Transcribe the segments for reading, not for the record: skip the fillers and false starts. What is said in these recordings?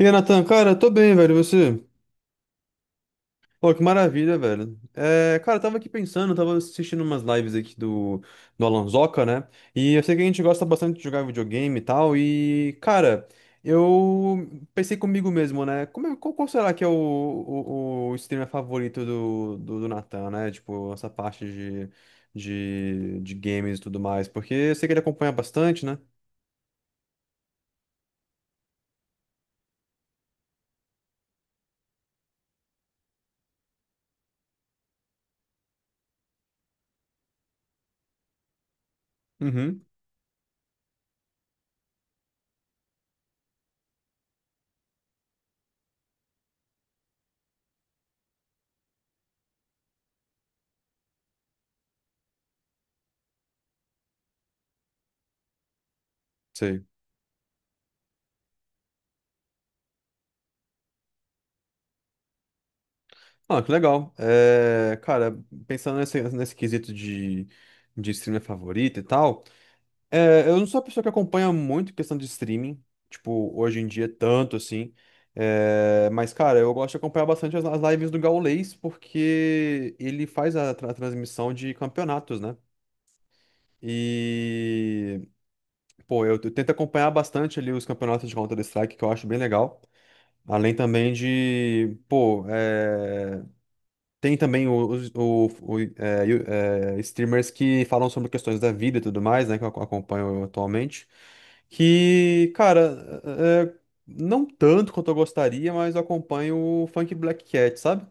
E aí, Nathan, cara, tô bem, velho, e você? Pô, que maravilha, velho. Eu tava aqui pensando, eu tava assistindo umas lives aqui do Alanzoca, né? E eu sei que a gente gosta bastante de jogar videogame e tal, e, cara, eu pensei comigo mesmo, né? Qual, qual será que é o streamer favorito do Nathan, né? Tipo, essa parte de games e tudo mais, porque eu sei que ele acompanha bastante, né? Uhum, sei. Ah, que legal. É, cara, pensando nesse quesito de streamer favorito e tal, é, eu não sou uma pessoa que acompanha muito questão de streaming, tipo, hoje em dia tanto assim. É, mas, cara, eu gosto de acompanhar bastante as lives do Gaulês, porque ele faz a transmissão de campeonatos, né? E, pô, eu tento acompanhar bastante ali os campeonatos de Counter-Strike, que eu acho bem legal. Além também de, pô, é, tem também os, o- é, you- é, streamers que falam sobre questões da vida e tudo mais, né? Que eu acompanho atualmente. Que, cara, não tanto quanto eu gostaria, mas eu acompanho o Funk Black Cat, sabe?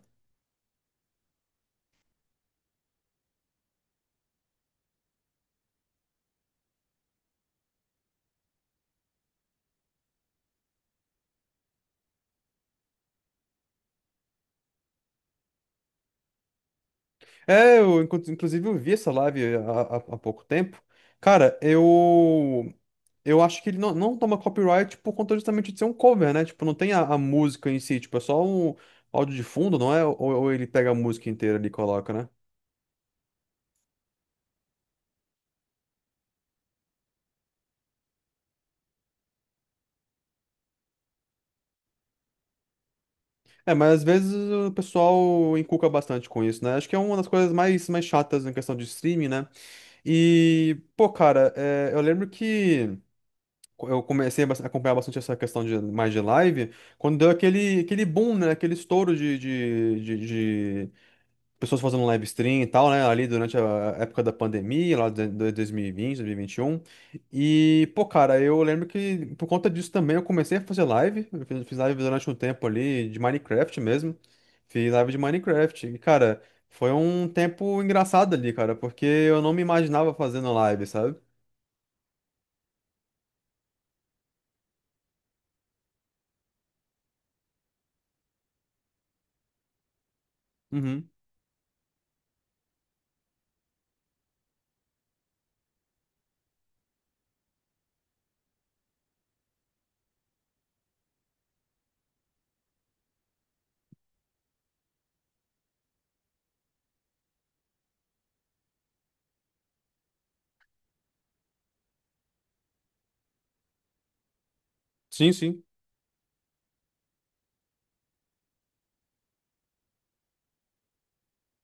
É, eu inclusive eu vi essa live há pouco tempo. Cara, eu. Eu acho que ele não, não toma copyright por conta justamente de ser um cover, né? Tipo, não tem a música em si, tipo, é só um áudio de fundo, não é? Ou ele pega a música inteira ali e coloca, né? É, mas às vezes o pessoal encuca bastante com isso, né? Acho que é uma das coisas mais chatas em questão de streaming, né? E, pô, cara, é, eu lembro que eu comecei a acompanhar bastante essa questão de mais de live, quando deu aquele boom, né? Aquele estouro de pessoas fazendo live stream e tal, né? Ali durante a época da pandemia, lá de 2020, 2021. Dois mil e vinte e um. E, pô, cara, eu lembro que por conta disso também eu comecei a fazer live. Eu fiz live durante um tempo ali de Minecraft mesmo. Fiz live de Minecraft. E, cara, foi um tempo engraçado ali, cara, porque eu não me imaginava fazendo live, sabe? Uhum. Sim, sim.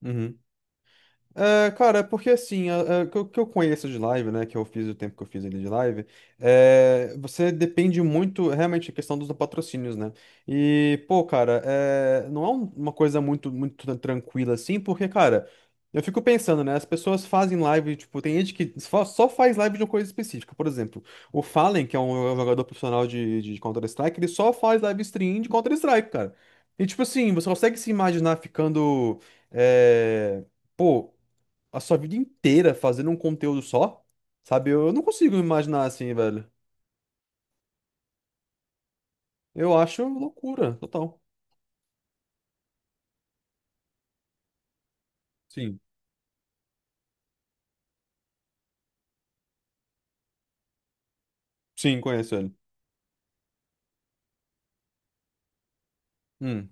Uhum. É, cara, é porque assim, o que eu conheço de live, né, que eu fiz o tempo que eu fiz ali de live, é, você depende muito, realmente, da questão dos patrocínios, né? E, pô, cara, é, não é uma coisa muito, muito tranquila assim, porque, cara, eu fico pensando, né, as pessoas fazem live, tipo, tem gente que só faz live de uma coisa específica, por exemplo, o Fallen, que é é um jogador profissional de Counter-Strike, ele só faz live stream de Counter-Strike, cara. E, tipo assim, você consegue se imaginar ficando, é, pô, a sua vida inteira fazendo um conteúdo só, sabe? Eu não consigo me imaginar assim, velho. Eu acho loucura, total. Sim. Sim, conheço ele. Hum.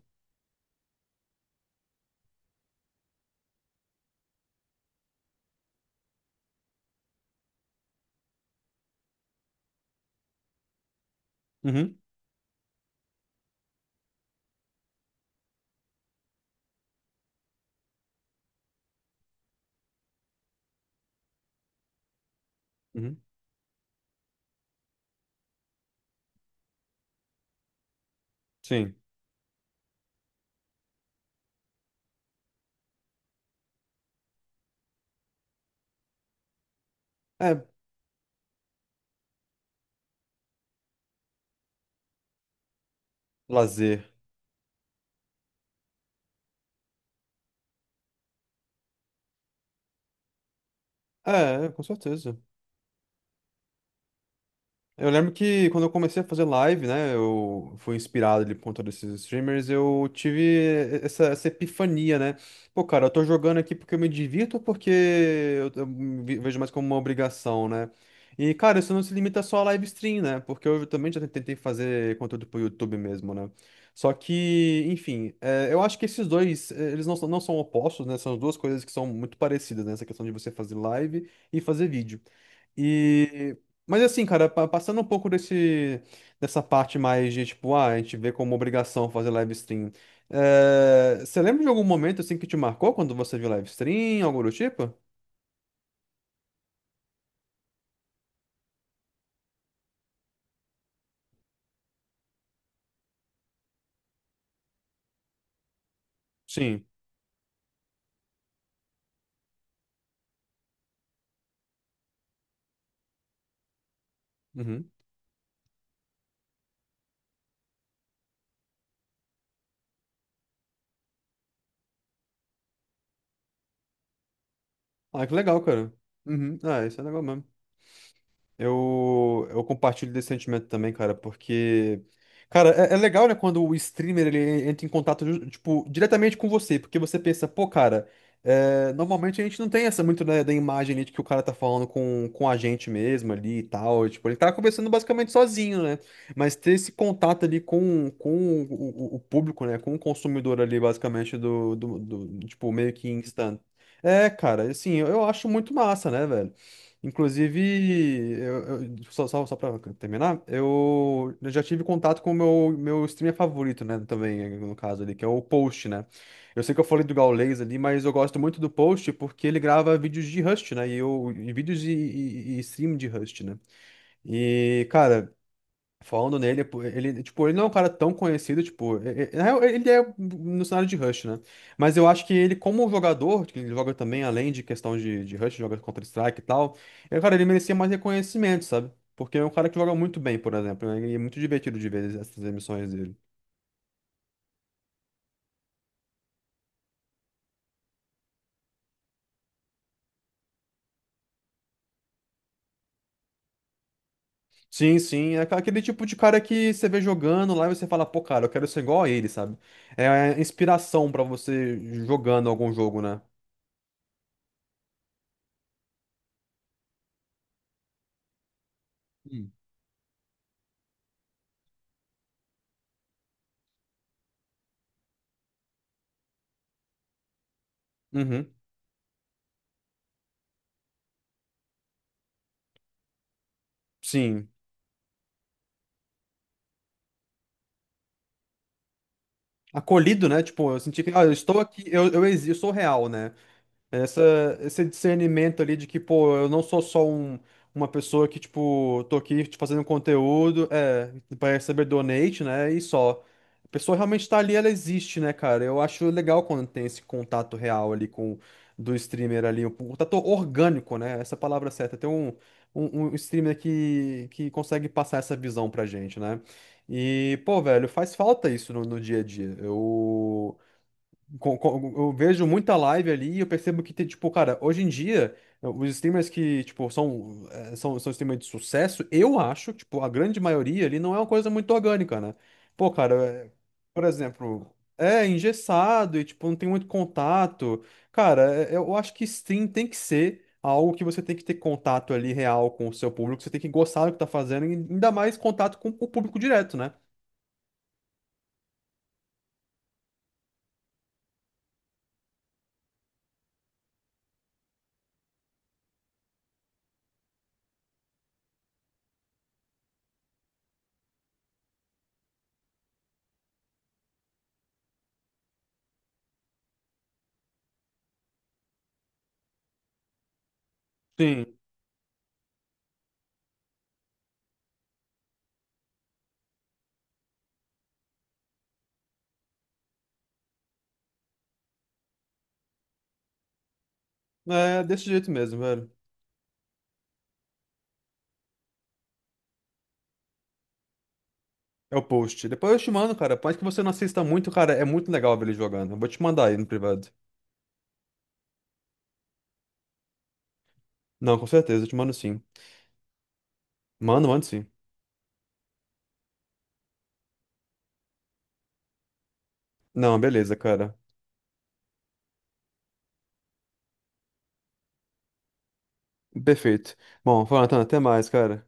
Uhum. Uhum. Sim. É, lazer. Com certeza. Eu lembro que quando eu comecei a fazer live, né, eu fui inspirado ali por conta desses streamers, eu tive essa epifania, né? Pô, cara, eu tô jogando aqui porque eu me divirto ou porque eu vejo mais como uma obrigação, né? E, cara, isso não se limita só a live stream, né? Porque eu também já tentei fazer conteúdo pro YouTube mesmo, né? Só que, enfim, é, eu acho que esses dois, é, eles não, são- não são opostos, né? São duas coisas que são muito parecidas, né? Essa questão de você fazer live e fazer vídeo. E mas assim, cara, passando um pouco dessa parte mais de, tipo, ah, a gente vê como obrigação fazer live stream. Eh, você lembra de algum momento, assim, que te marcou quando você viu live stream, algo do tipo? Sim. Uhum. Ah, que legal, cara. Uhum. Ah, isso é legal mesmo. Eu compartilho desse sentimento também, cara, porque. Cara, é, é legal, né, quando o streamer ele entra em contato, tipo, diretamente com você, porque você pensa, pô, cara, é, normalmente a gente não tem essa muito da imagem ali de que o cara tá falando com a gente mesmo ali e tal. Tipo, ele tá conversando basicamente sozinho, né? Mas ter esse contato ali com o público, né, com o consumidor ali, basicamente, tipo, meio que instant. É, cara, assim, eu acho muito massa, né, velho? Inclusive, só pra terminar, eu já tive contato com o meu streamer favorito, né? Também, no caso ali, que é o Post, né? Eu sei que eu falei do Gaules ali, mas eu gosto muito do Post porque ele grava vídeos de Rust, né? E, vídeos e stream de Rust, né? E, cara, falando nele, pô, ele, tipo, ele não é um cara tão conhecido, tipo, na real, ele é no cenário de Rush, né? Mas eu acho que ele, como jogador, que ele joga também, além de questão de Rush, joga Counter-Strike e tal, eu, cara, ele merecia mais reconhecimento, sabe? Porque é um cara que joga muito bem, por exemplo, né? E é muito divertido de ver essas emissões dele. Sim, sim, é aquele tipo de cara que você vê jogando lá e você fala, pô, cara, eu quero ser igual a ele, sabe? É a inspiração pra você jogando algum jogo, né? Hum. Uhum, sim. Acolhido, né? Tipo, eu senti que, ah, eu estou aqui, eu sou real, né? Esse discernimento ali de que, pô, eu não sou só um, uma pessoa que, tipo, tô aqui te fazendo conteúdo, é, pra receber donate, né, e só. A pessoa realmente tá ali, ela existe, né, cara? Eu acho legal quando tem esse contato real ali com do streamer ali, um contato orgânico, né? Essa é a palavra certa. Tem um streamer que consegue passar essa visão pra gente, né? E, pô, velho, faz falta isso no dia a dia. Eu Eu vejo muita live ali e eu percebo que tem, tipo, cara, hoje em dia, os streamers que, tipo, são, são streamers de sucesso, eu acho, tipo, a grande maioria ali não é uma coisa muito orgânica, né? Pô, cara, eh, por exemplo, é engessado e, tipo, não tem muito contato. Cara, eh, eu acho que stream tem que ser algo que você tem que ter contato ali real com o seu público, você tem que gostar do que tá fazendo, e ainda mais contato com o público direto, né? Sim, é desse jeito mesmo, velho. É o post. Depois eu te mando, cara. Por mais que você não assista muito, cara, é muito legal ver ele jogando. Eu vou te mandar aí no privado. Não, com certeza, eu te mando sim. Mando, mando sim. Não, beleza, cara. Perfeito. Bom, Jonathan, até mais, cara.